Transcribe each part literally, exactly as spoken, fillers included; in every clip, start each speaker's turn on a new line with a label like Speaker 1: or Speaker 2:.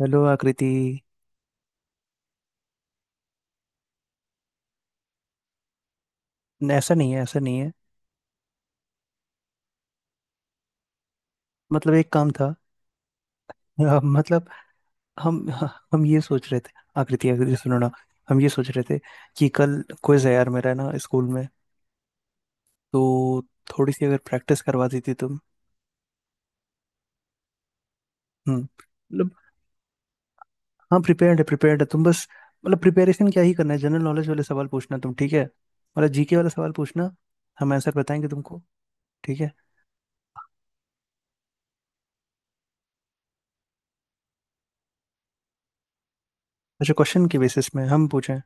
Speaker 1: Hello Akriti. न, ऐसा नहीं है ऐसा नहीं है। मतलब एक काम था। अ, मतलब हम हम ये सोच रहे थे। आकृति आकृति सुनो ना। हम ये सोच रहे थे कि कल क्विज है यार मेरा ना स्कूल में। तो थोड़ी सी अगर प्रैक्टिस करवा देती तुम। हम्म मतलब हाँ प्रिपेयर्ड है प्रिपेयर्ड है तुम बस। मतलब प्रिपेरेशन क्या ही करना है, जनरल नॉलेज वाले सवाल पूछना तुम, ठीक है, मतलब जीके वाला सवाल पूछना। हम आंसर बताएंगे तुमको। ठीक है। अच्छा, क्वेश्चन के बेसिस में हम पूछें?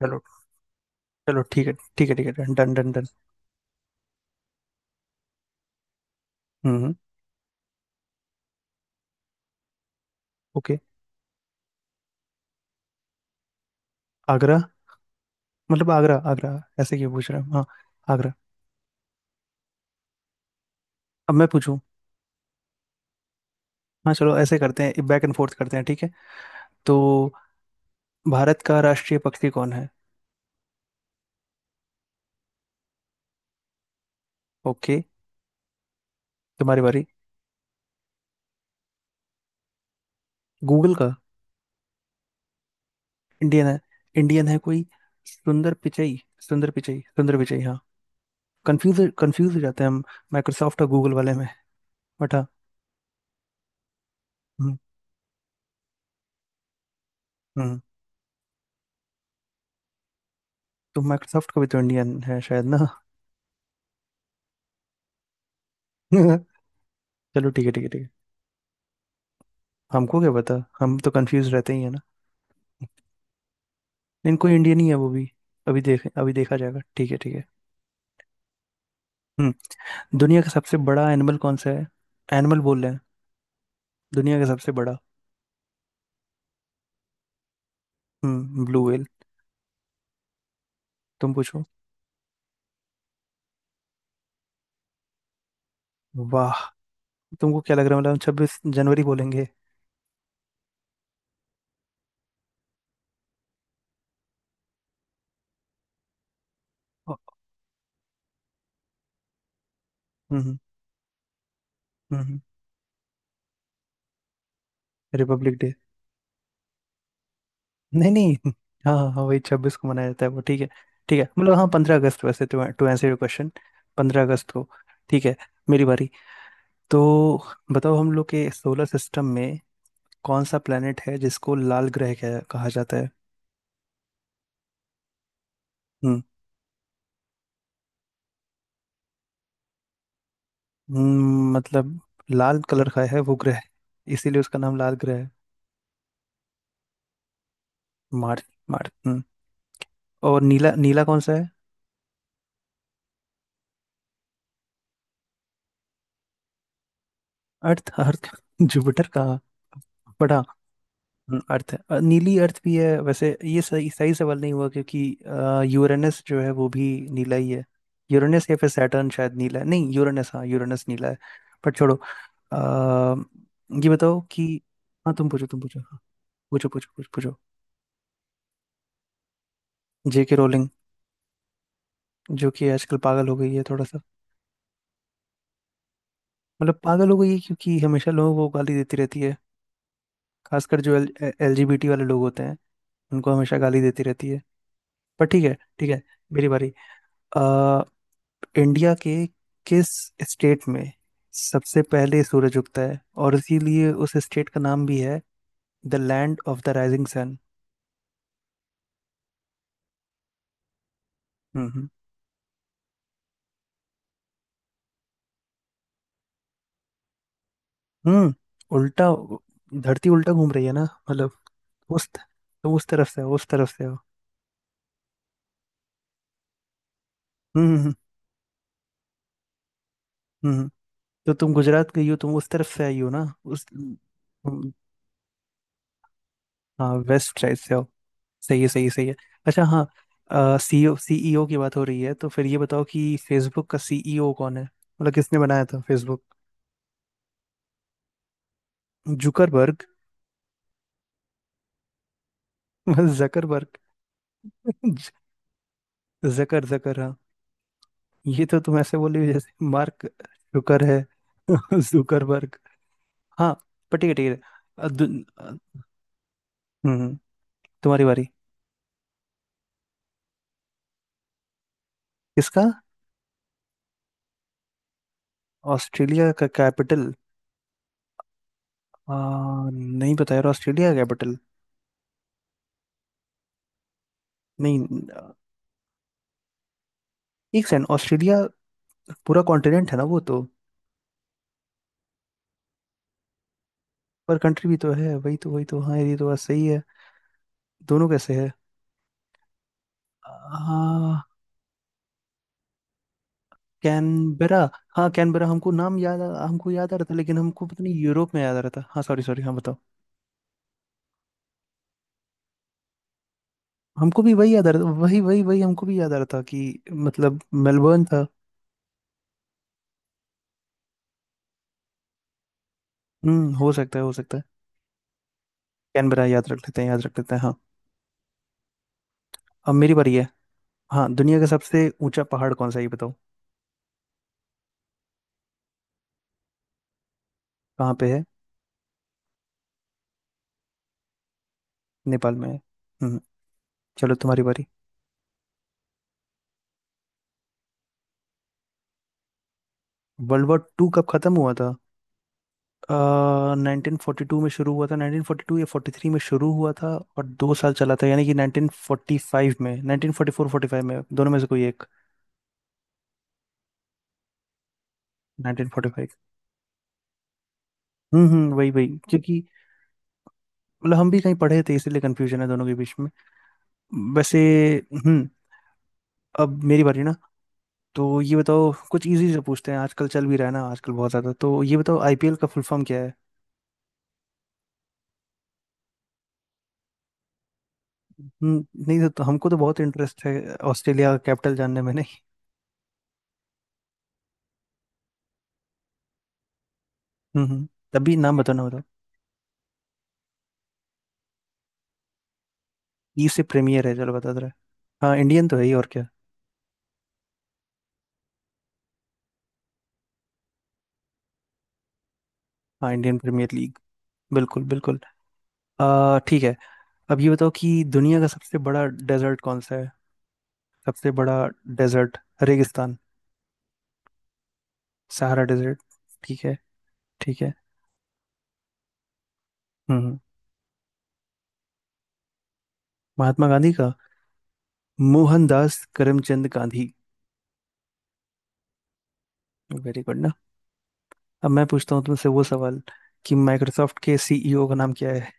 Speaker 1: चलो। चलो ठीक है। ठीक है ठीक है डन डन डन डन। हम्म। ओके। आगरा। मतलब आगरा आगरा। ऐसे क्यों पूछ रहे हो हाँ? आगरा। अब मैं पूछूं? हाँ चलो ऐसे करते हैं, बैक एंड फोर्थ करते हैं, ठीक है। तो भारत का राष्ट्रीय पक्षी कौन है? ओके। तुम्हारी बारी। गूगल का? इंडियन है, इंडियन है कोई। सुंदर पिचई। सुंदर पिचई, सुंदर पिचई, हाँ। कंफ्यूज कंफ्यूज हो जाते हैं हम। माइक्रोसॉफ्ट और गूगल वाले में। बट हाँ। हम्म हम्म। तो माइक्रोसॉफ्ट का भी तो इंडियन है शायद ना। चलो ठीक है ठीक है ठीक है। हमको क्या पता। हम तो कंफ्यूज रहते ही है ना। लेकिन कोई इंडियन ही है वो भी। अभी देख अभी देखा जाएगा, ठीक है ठीक है। हम्म। दुनिया का सबसे बड़ा एनिमल कौन सा है? एनिमल बोल रहे हैं। दुनिया का सबसे बड़ा। हम्म ब्लू व्हेल। तुम पूछो। वाह। तुमको क्या लग रहा है, मतलब छब्बीस जनवरी बोलेंगे? ओ। हम्म। हम्म। Republic day. नहीं नहीं हाँ हाँ हाँ, वही छब्बीस को मनाया जाता है वो, ठीक है। ठीक है, मतलब हाँ पंद्रह अगस्त, वैसे to to answer your question. पंद्रह अगस्त को। ठीक है। मेरी बारी। तो बताओ हम लोग के सोलर सिस्टम में कौन सा प्लेनेट है जिसको लाल ग्रह कह- कहा जाता है? हम्म। हम्म। मतलब लाल कलर का है वो ग्रह, इसीलिए उसका नाम लाल ग्रह है। मार्स। मार्स। हम्म। और नीला नीला कौन सा है? अर्थ अर्थ। जुपिटर का बड़ा। हम्म, अर्थ है, अ, नीली अर्थ भी है, वैसे ये सही सही सवाल नहीं हुआ, क्योंकि अ, यूरेनस जो है वो भी नीला ही है। यूरेनस या फिर सैटर्न शायद नीला है, नहीं यूरेनस, हाँ यूरेनस नीला है। पर छोड़ो। आ, ये बताओ कि, हाँ तुम पूछो तुम पूछो हाँ। पूछो पूछो पूछो पूछो। जेके रोलिंग। जो कि आजकल पागल हो गई है थोड़ा सा। मतलब पागल हो गई है क्योंकि हमेशा लोगों को गाली देती रहती है, खासकर जो एल एलजीबीटी वाले लोग होते हैं उनको हमेशा गाली देती रहती है। पर ठीक है। ठीक है। मेरी बारी। आ, इंडिया के किस स्टेट में सबसे पहले सूरज उगता है और इसीलिए उस स्टेट का नाम भी है the land of the rising sun. हम्म हम्म हम्म। उल्टा। धरती उल्टा घूम रही है ना। मतलब उस तुम उस तरफ से हो, उस तरफ से हो। हम्म हम्म हम्म। हम्म। तो तुम गुजरात गई हो, तुम उस तरफ से आई हो ना उस। हाँ वेस्ट साइड से हो। सही है सही है सही है। अच्छा हाँ, सीईओ सीईओ की बात हो रही है तो फिर ये बताओ कि फेसबुक का सीईओ कौन है, मतलब किसने बनाया था फेसबुक? जुकरबर्ग। जकरबर्ग। जकर जकर हाँ। ये तो तुम ऐसे बोल रही हो जैसे मार्क जुकर है। जुकरबर्ग। हाँ। पर ठीक है ठीक है। अ, दु- अ, हम्म हम्म, तुम्हारी बारी। किसका? ऑस्ट्रेलिया का कैपिटल। आ, नहीं पता यार ऑस्ट्रेलिया का कैपिटल। नहीं। अ, एक सेकंड, ऑस्ट्रेलिया पूरा कॉन्टिनेंट है ना वो तो। पर कंट्री भी तो है, वही तो वही तो, हाँ ये तो बात सही है। दोनों कैसे है? हाँ कैनबेरा। हाँ कैनबेरा, हमको नाम याद आ- हमको याद आ रहा था, लेकिन हमको पता नहीं, यूरोप में याद आ रहा था, हाँ सॉरी सॉरी, हाँ बताओ। हमको भी वही याद आ रहा था, वही वही वही, हमको भी याद आ रहा था कि मतलब मेलबर्न था। हम्म हो सकता है हो सकता है। कैनबेरा याद रख लेते हैं, याद रख लेते हैं, हाँ। अब मेरी बारी है। हाँ दुनिया का सबसे ऊंचा पहाड़ कौन सा है ये बताओ। कहाँ पे है? नेपाल में है। हम्म। चलो तुम्हारी बारी। वर्ल्ड वॉर टू कब खत्म हुआ था? नाइनटीन फोर्टी टू में शुरू हुआ था, नाइनटीन फोर्टी टू या फोर्टी थ्री में शुरू हुआ था। और दो साल चला था, यानी कि नाइनटीन फोर्टी फाइव में, nineteen forty four forty five में, दोनों में से कोई एक। Nineteen forty five. हम्म हम्म वही वही, क्योंकि मतलब हम भी कहीं पढ़े थे इसीलिए कंफ्यूजन है दोनों के बीच में वैसे। हम्म। अब मेरी बारी ना। तो ये बताओ कुछ इजी से पूछते हैं, आजकल चल भी रहा है ना आजकल बहुत ज्यादा, तो ये बताओ आईपीएल का फुल फॉर्म क्या है? हम्म नहीं तो, हमको तो बहुत इंटरेस्ट है, ऑस्ट्रेलिया का कैपिटल जानने में नहीं। हम्म हम्म, तब भी नाम बताओ ना। ई से प्रीमियर है, चलो बता दे रहा है। हाँ इंडियन तो है ही, और क्या। हाँ इंडियन प्रीमियर लीग। बिल्कुल बिल्कुल। आ, ठीक है। अब ये बताओ कि दुनिया का सबसे बड़ा डेजर्ट कौन सा है? सबसे बड़ा। डेजर्ट। रेगिस्तान। Sahara desert. ठीक है। ठीक है। हम्म हम्म, महात्मा गांधी का मोहनदास करमचंद गांधी। वेरी गुड ना। अब मैं पूछता हूँ तुमसे वो सवाल कि माइक्रोसॉफ्ट के सीईओ का नाम क्या है?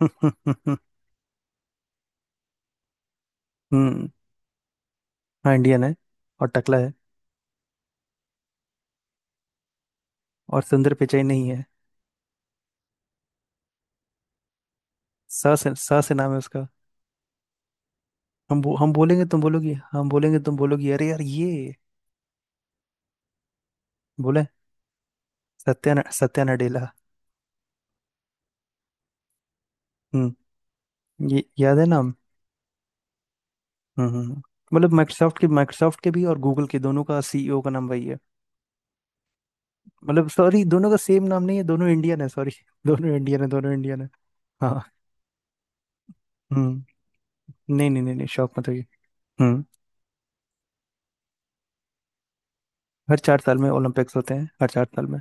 Speaker 1: हम्म हाँ इंडियन है और टकला है। और सुंदर पिचाई नहीं है। सा से सा से नाम है उसका। हम बो, हम बोलेंगे तुम बोलोगी, हम बोलेंगे तुम बोलोगी, अरे यार ये बोले सत्या न- सत्या नडेला। हम्म। ये याद है नाम। हम्म हम्म। हम्म। मतलब माइक्रोसॉफ्ट के माइक्रोसॉफ्ट के भी और गूगल के, दोनों का सीईओ का नाम वही है। मतलब सॉरी, दोनों का सेम नाम नहीं है, दोनों इंडियन है, सॉरी दोनों इंडियन है दोनों इंडियन है। हाँ। हम्म नहीं नहीं नहीं नहीं, शौक मत होइए। हम्म हर चार साल में ओलंपिक्स होते हैं, हर चार साल में।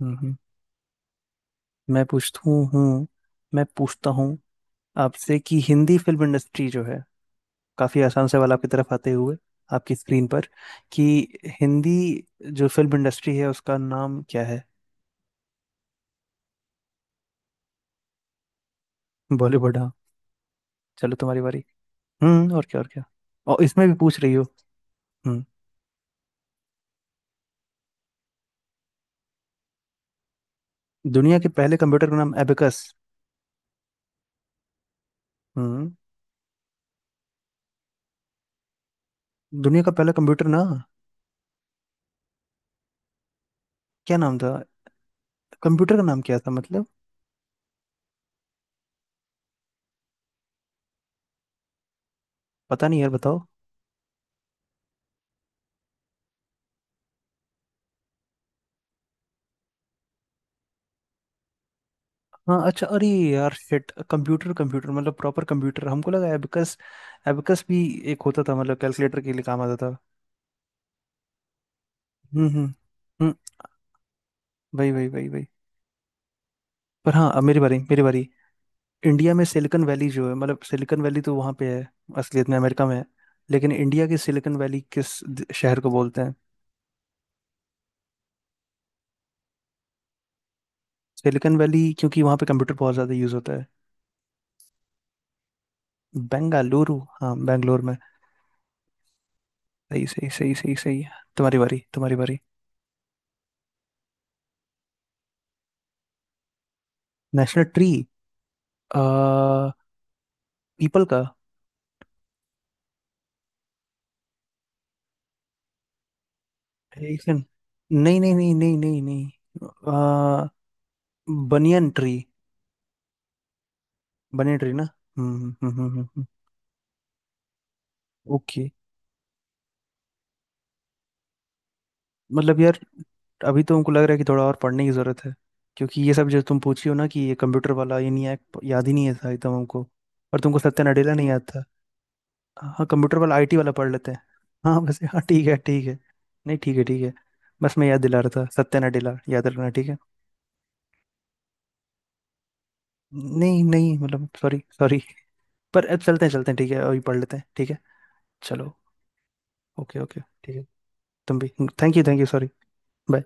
Speaker 1: हम्म हम्म। मैं पूछता हूँ हूँ, मैं पूछता हूँ आपसे कि हिंदी फिल्म इंडस्ट्री जो है, काफी आसान सवाल आपकी तरफ आते हुए, आपकी स्क्रीन पर, कि हिंदी जो फिल्म इंडस्ट्री है उसका नाम क्या है? बॉलीवुड हाँ। चलो तुम्हारी बारी। हम्म और क्या और क्या। और इसमें भी पूछ रही हो। हम्म। दुनिया के पहले कंप्यूटर का नाम एबेकस। हम्म। दुनिया का पहला कंप्यूटर ना क्या नाम था? कंप्यूटर का नाम क्या था मतलब? पता नहीं यार बताओ। हाँ अच्छा अरे यार शिट, कंप्यूटर कंप्यूटर मतलब प्रॉपर कंप्यूटर, हमको लगा एबेकस। एबेकस भी एक होता था, मतलब कैलकुलेटर के लिए काम आता था। हम्म हम्म हम्म, वही वही वही वही। पर हाँ, अब मेरी बारी मेरी बारी। इंडिया में सिलिकन वैली जो है, मतलब सिलिकन वैली तो वहाँ पे है असलियत में, अमेरिका में है। लेकिन इंडिया की सिलिकन वैली किस द- शहर को बोलते हैं? सिलिकन वैली, क्योंकि वहाँ पे कंप्यूटर बहुत ज़्यादा यूज़ होता है। बेंगालुरु, हाँ बेंगलोर में। सही सही सही सही सही। तुम्हारी बारी तुम्हारी बारी। National tree. आ पीपल का। एक सेकंड। नहीं नहीं नहीं नहीं नहीं नहीं। आ बनियन ट्री। बनियन ट्री ना। हम्म हम्म हम्म हम्म, हम्म। ओके। मतलब यार, अभी तो हमको लग रहा है कि थोड़ा और पढ़ने की ज़रूरत है, क्योंकि ये सब जो तुम पूछी हो ना, कि ये कंप्यूटर वाला ये नहीं है, याद ही नहीं है था एकदम हमको। और तुमको सत्या नडेला नहीं याद था। हाँ कंप्यूटर वाला आईटी वाला पढ़ लेते हैं। हाँ बस, हाँ ठीक है ठीक है। नहीं ठीक है ठीक है। बस मैं याद दिला रहा था, सत्या नडेला याद रखना ठीक है। नहीं नहीं, मतलब सॉरी सॉरी। पर अब चलते हैं चलते हैं, ठीक है, अभी पढ़ लेते हैं, ठीक है। चलो। ओके ओके ठीक है। तुम भी। Thank you thank you sorry. Bye.